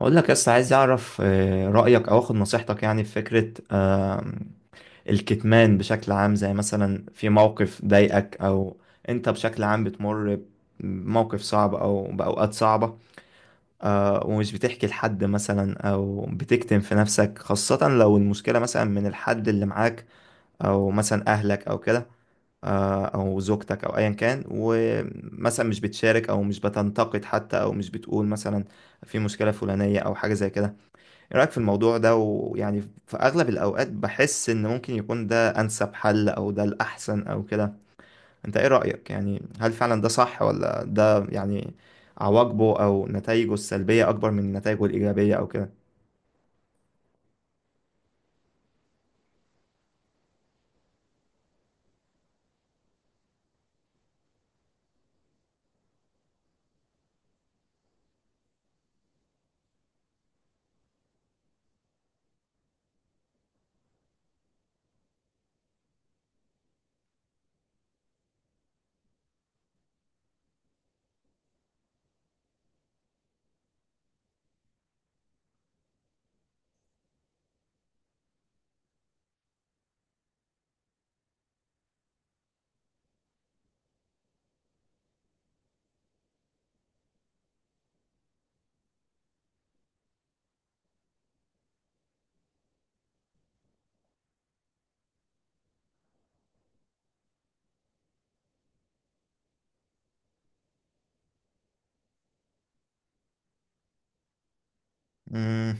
اقول لك بس عايز اعرف رايك او اخد نصيحتك، يعني في فكره الكتمان بشكل عام، زي مثلا في موقف ضايقك، او انت بشكل عام بتمر بموقف صعب او باوقات صعبه، ومش بتحكي لحد مثلا او بتكتم في نفسك، خاصه لو المشكله مثلا من الحد اللي معاك، او مثلا اهلك او كده، او زوجتك او ايا كان، ومثلا مش بتشارك او مش بتنتقد حتى او مش بتقول مثلا في مشكله فلانيه او حاجه زي كده. ايه رأيك في الموضوع ده؟ ويعني في اغلب الاوقات بحس ان ممكن يكون ده انسب حل او ده الاحسن او كده. انت ايه رأيك؟ يعني هل فعلا ده صح، ولا ده يعني عواقبه او نتائجه السلبية اكبر من نتائجه الايجابية او كده؟ مم،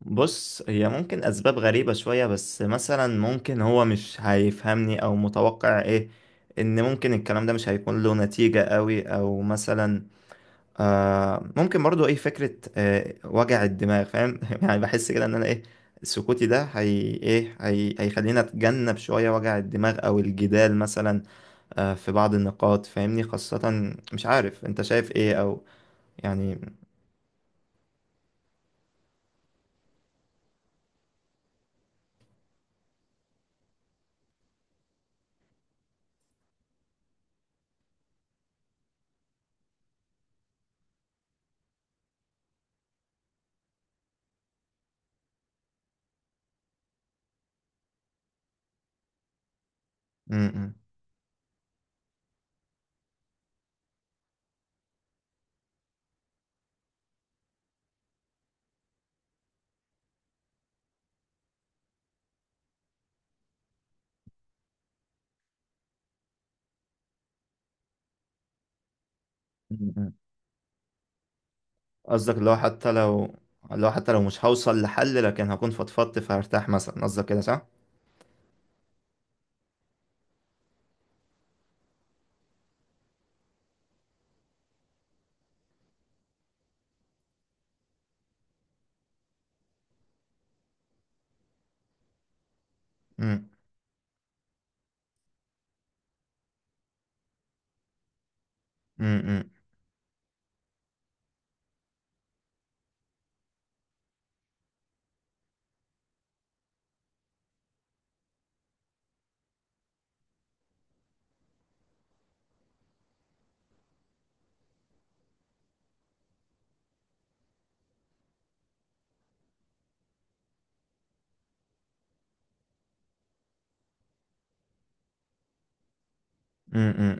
بص، هي ممكن اسباب غريبة شوية، بس مثلا ممكن هو مش هيفهمني، او متوقع ايه ان ممكن الكلام ده مش هيكون له نتيجة قوي، او مثلا ممكن برضو ايه فكرة وجع الدماغ، فاهم؟ يعني بحس كده ان انا ايه سكوتي ده، هي ايه هي هيخليني اتجنب شوية وجع الدماغ او الجدال مثلا، في بعض النقاط، فاهمني؟ خاصة مش عارف انت شايف ايه، او يعني م- م- م- م. قصدك اللي هو حتى لو مش هوصل لحل، لكن هكون فضفضت فهرتاح مثلا، قصدك كده صح؟ م- م- م- م- م.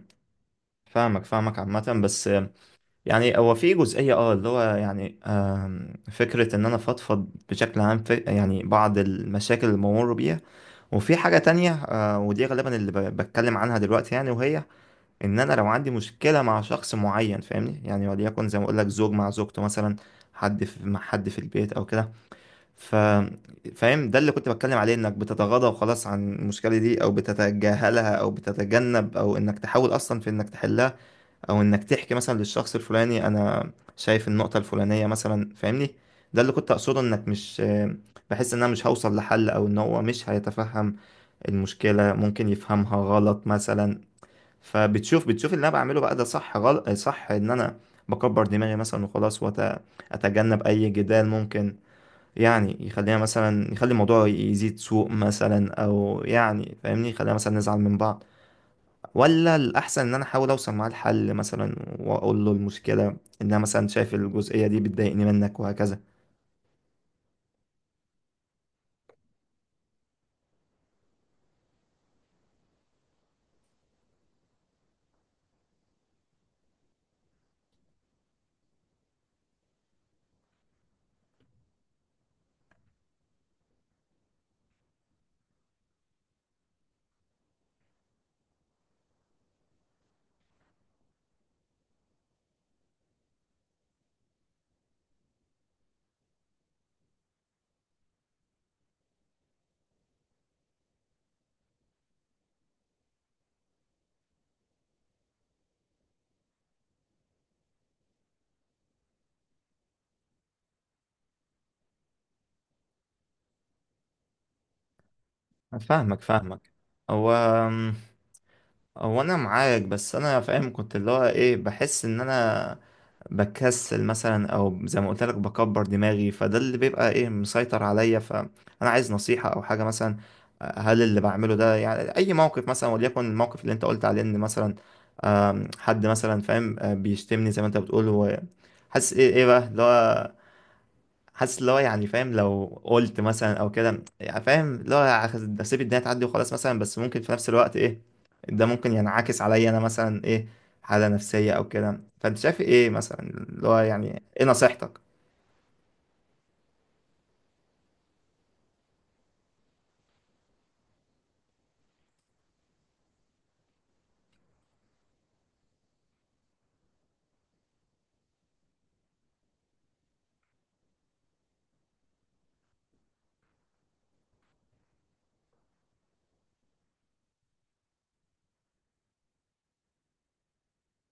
فاهمك فاهمك، عامة بس يعني هو في جزئية اه اللي هو يعني فكرة ان انا فضفض بشكل عام في يعني بعض المشاكل اللي بمر بيها. وفي حاجة تانية ودي غالبا اللي بتكلم عنها دلوقتي يعني، وهي ان انا لو عندي مشكلة مع شخص معين، فاهمني؟ يعني وليكن زي ما اقول لك، زوج مع زوجته مثلا، حد في مع حد في البيت او كده. ف فاهم ده اللي كنت بتكلم عليه، انك بتتغاضى وخلاص عن المشكلة دي، او بتتجاهلها، او بتتجنب، او انك تحاول اصلا في انك تحلها، او انك تحكي مثلا للشخص الفلاني، انا شايف النقطة الفلانية مثلا، فاهمني. ده اللي كنت اقصده، انك مش بحس ان انا مش هوصل لحل او ان هو مش هيتفهم المشكلة، ممكن يفهمها غلط مثلا. فبتشوف اللي انا بعمله بقى ده صح غلط؟ صح ان انا بكبر دماغي مثلا وخلاص واتجنب اي جدال ممكن يعني يخلينا مثلا، يخلي الموضوع يزيد سوء مثلا، او يعني فاهمني يخلينا مثلا نزعل من بعض، ولا الأحسن إن أنا أحاول أوصل معاه لحل مثلا وأقول له المشكلة إن أنا مثلا شايف الجزئية دي بتضايقني منك وهكذا؟ فاهمك فاهمك. هو هو أنا معاك، بس أنا فاهم كنت اللي هو إيه، بحس إن أنا بكسل مثلا، او زي ما قلت لك بكبر دماغي، فده اللي بيبقى ايه مسيطر عليا. فانا عايز نصيحة او حاجة مثلا، هل اللي بعمله ده يعني اي موقف مثلا، وليكن الموقف اللي انت قلت عليه، ان مثلا حد مثلا فاهم بيشتمني زي ما انت بتقول، وحاسس ايه ايه بقى اللي هو حاسس اللي هو يعني فاهم، لو قلت مثلا او كده، يعني فاهم اللي هو هسيب الدنيا تعدي وخلاص مثلا، بس ممكن في نفس الوقت ايه ده ممكن ينعكس عليا انا مثلا ايه حالة نفسية او كده. فانت شايف ايه مثلا اللي هو يعني ايه نصيحتك؟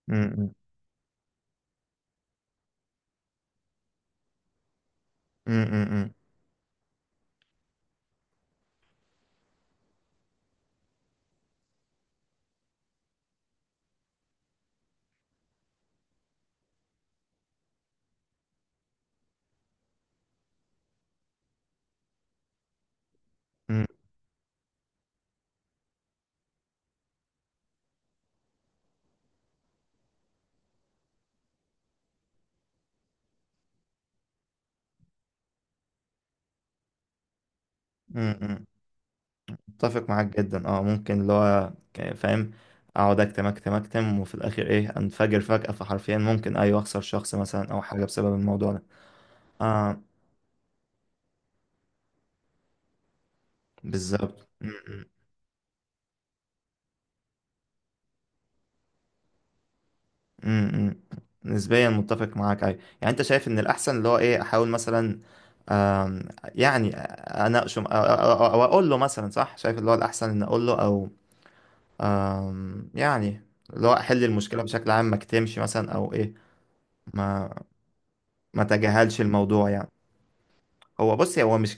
امم، امم، امم، امم. متفق معاك جدا اه، ممكن اللي هو فاهم اقعد اكتم اكتم اكتم، وفي الاخر ايه انفجر فجأة، فحرفيا ممكن ايوه اخسر شخص مثلا او حاجة بسبب الموضوع ده. اه، بالظبط. امم، نسبيا متفق معاك ايوه، يعني انت شايف ان الاحسن اللي هو ايه احاول مثلا آم، يعني اناقشه او أو اقول له مثلا، صح؟ شايف اللي هو الاحسن ان اقول له، او يعني اللي هو احل المشكله بشكل عام، ما اكتمش مثلا او ايه، ما ما تجاهلش الموضوع يعني. هو بص هو مش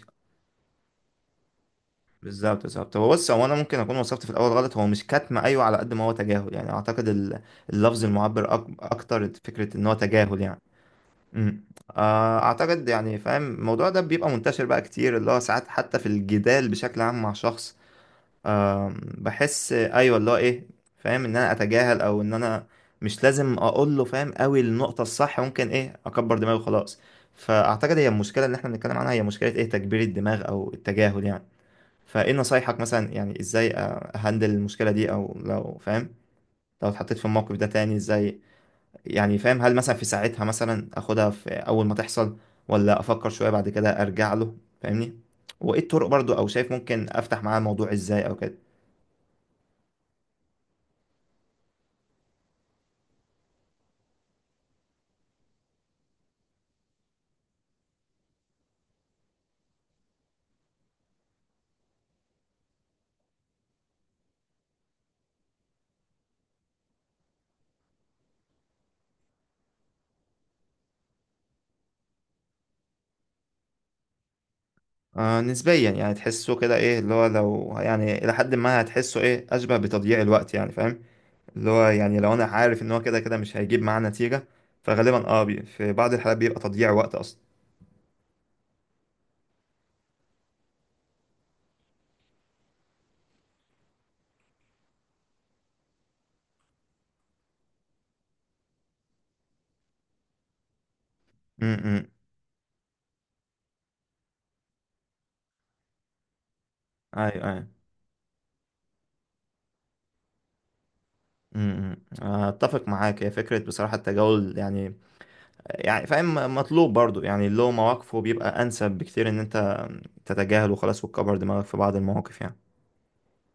بالظبط بالظبط، هو بص هو انا ممكن اكون وصفت في الاول غلط، هو مش كتم، ايوه، على قد ما هو تجاهل يعني. اعتقد اللفظ المعبر اكتر فكره ان هو تجاهل يعني. امم. اعتقد يعني فاهم، الموضوع ده بيبقى منتشر بقى كتير، اللي هو ساعات حتى في الجدال بشكل عام مع شخص آم، بحس ايوه اللي هو ايه فاهم ان انا اتجاهل، او ان انا مش لازم اقول له، فاهم قوي النقطة، الصح ممكن ايه اكبر دماغي وخلاص. فاعتقد هي المشكلة اللي احنا بنتكلم عنها، هي مشكلة ايه، تكبير الدماغ او التجاهل يعني. فايه نصايحك مثلا؟ يعني ازاي اهندل المشكلة دي، او لو فاهم لو اتحطيت في الموقف ده تاني ازاي يعني، فاهم هل مثلا في ساعتها مثلا اخدها في اول ما تحصل، ولا افكر شوية بعد كده ارجع له فاهمني، وايه الطرق برضو او شايف ممكن افتح معاه الموضوع ازاي او كده؟ آه، نسبيا يعني تحسه كده ايه اللي هو، لو يعني الى حد ما هتحسه ايه اشبه بتضييع الوقت يعني، فاهم اللي هو يعني لو انا عارف ان هو كده كده مش هيجيب معاه نتيجة، فغالبا اه في بعض الحالات بيبقى تضييع وقت اصلا. امم. ايوه ايوه. امم، اتفق معاك، هي فكرة بصراحة التجاهل يعني، يعني فاهم مطلوب برضو يعني اللي هو مواقفه بيبقى انسب بكتير ان انت تتجاهله خلاص وتكبر دماغك في بعض المواقف يعني.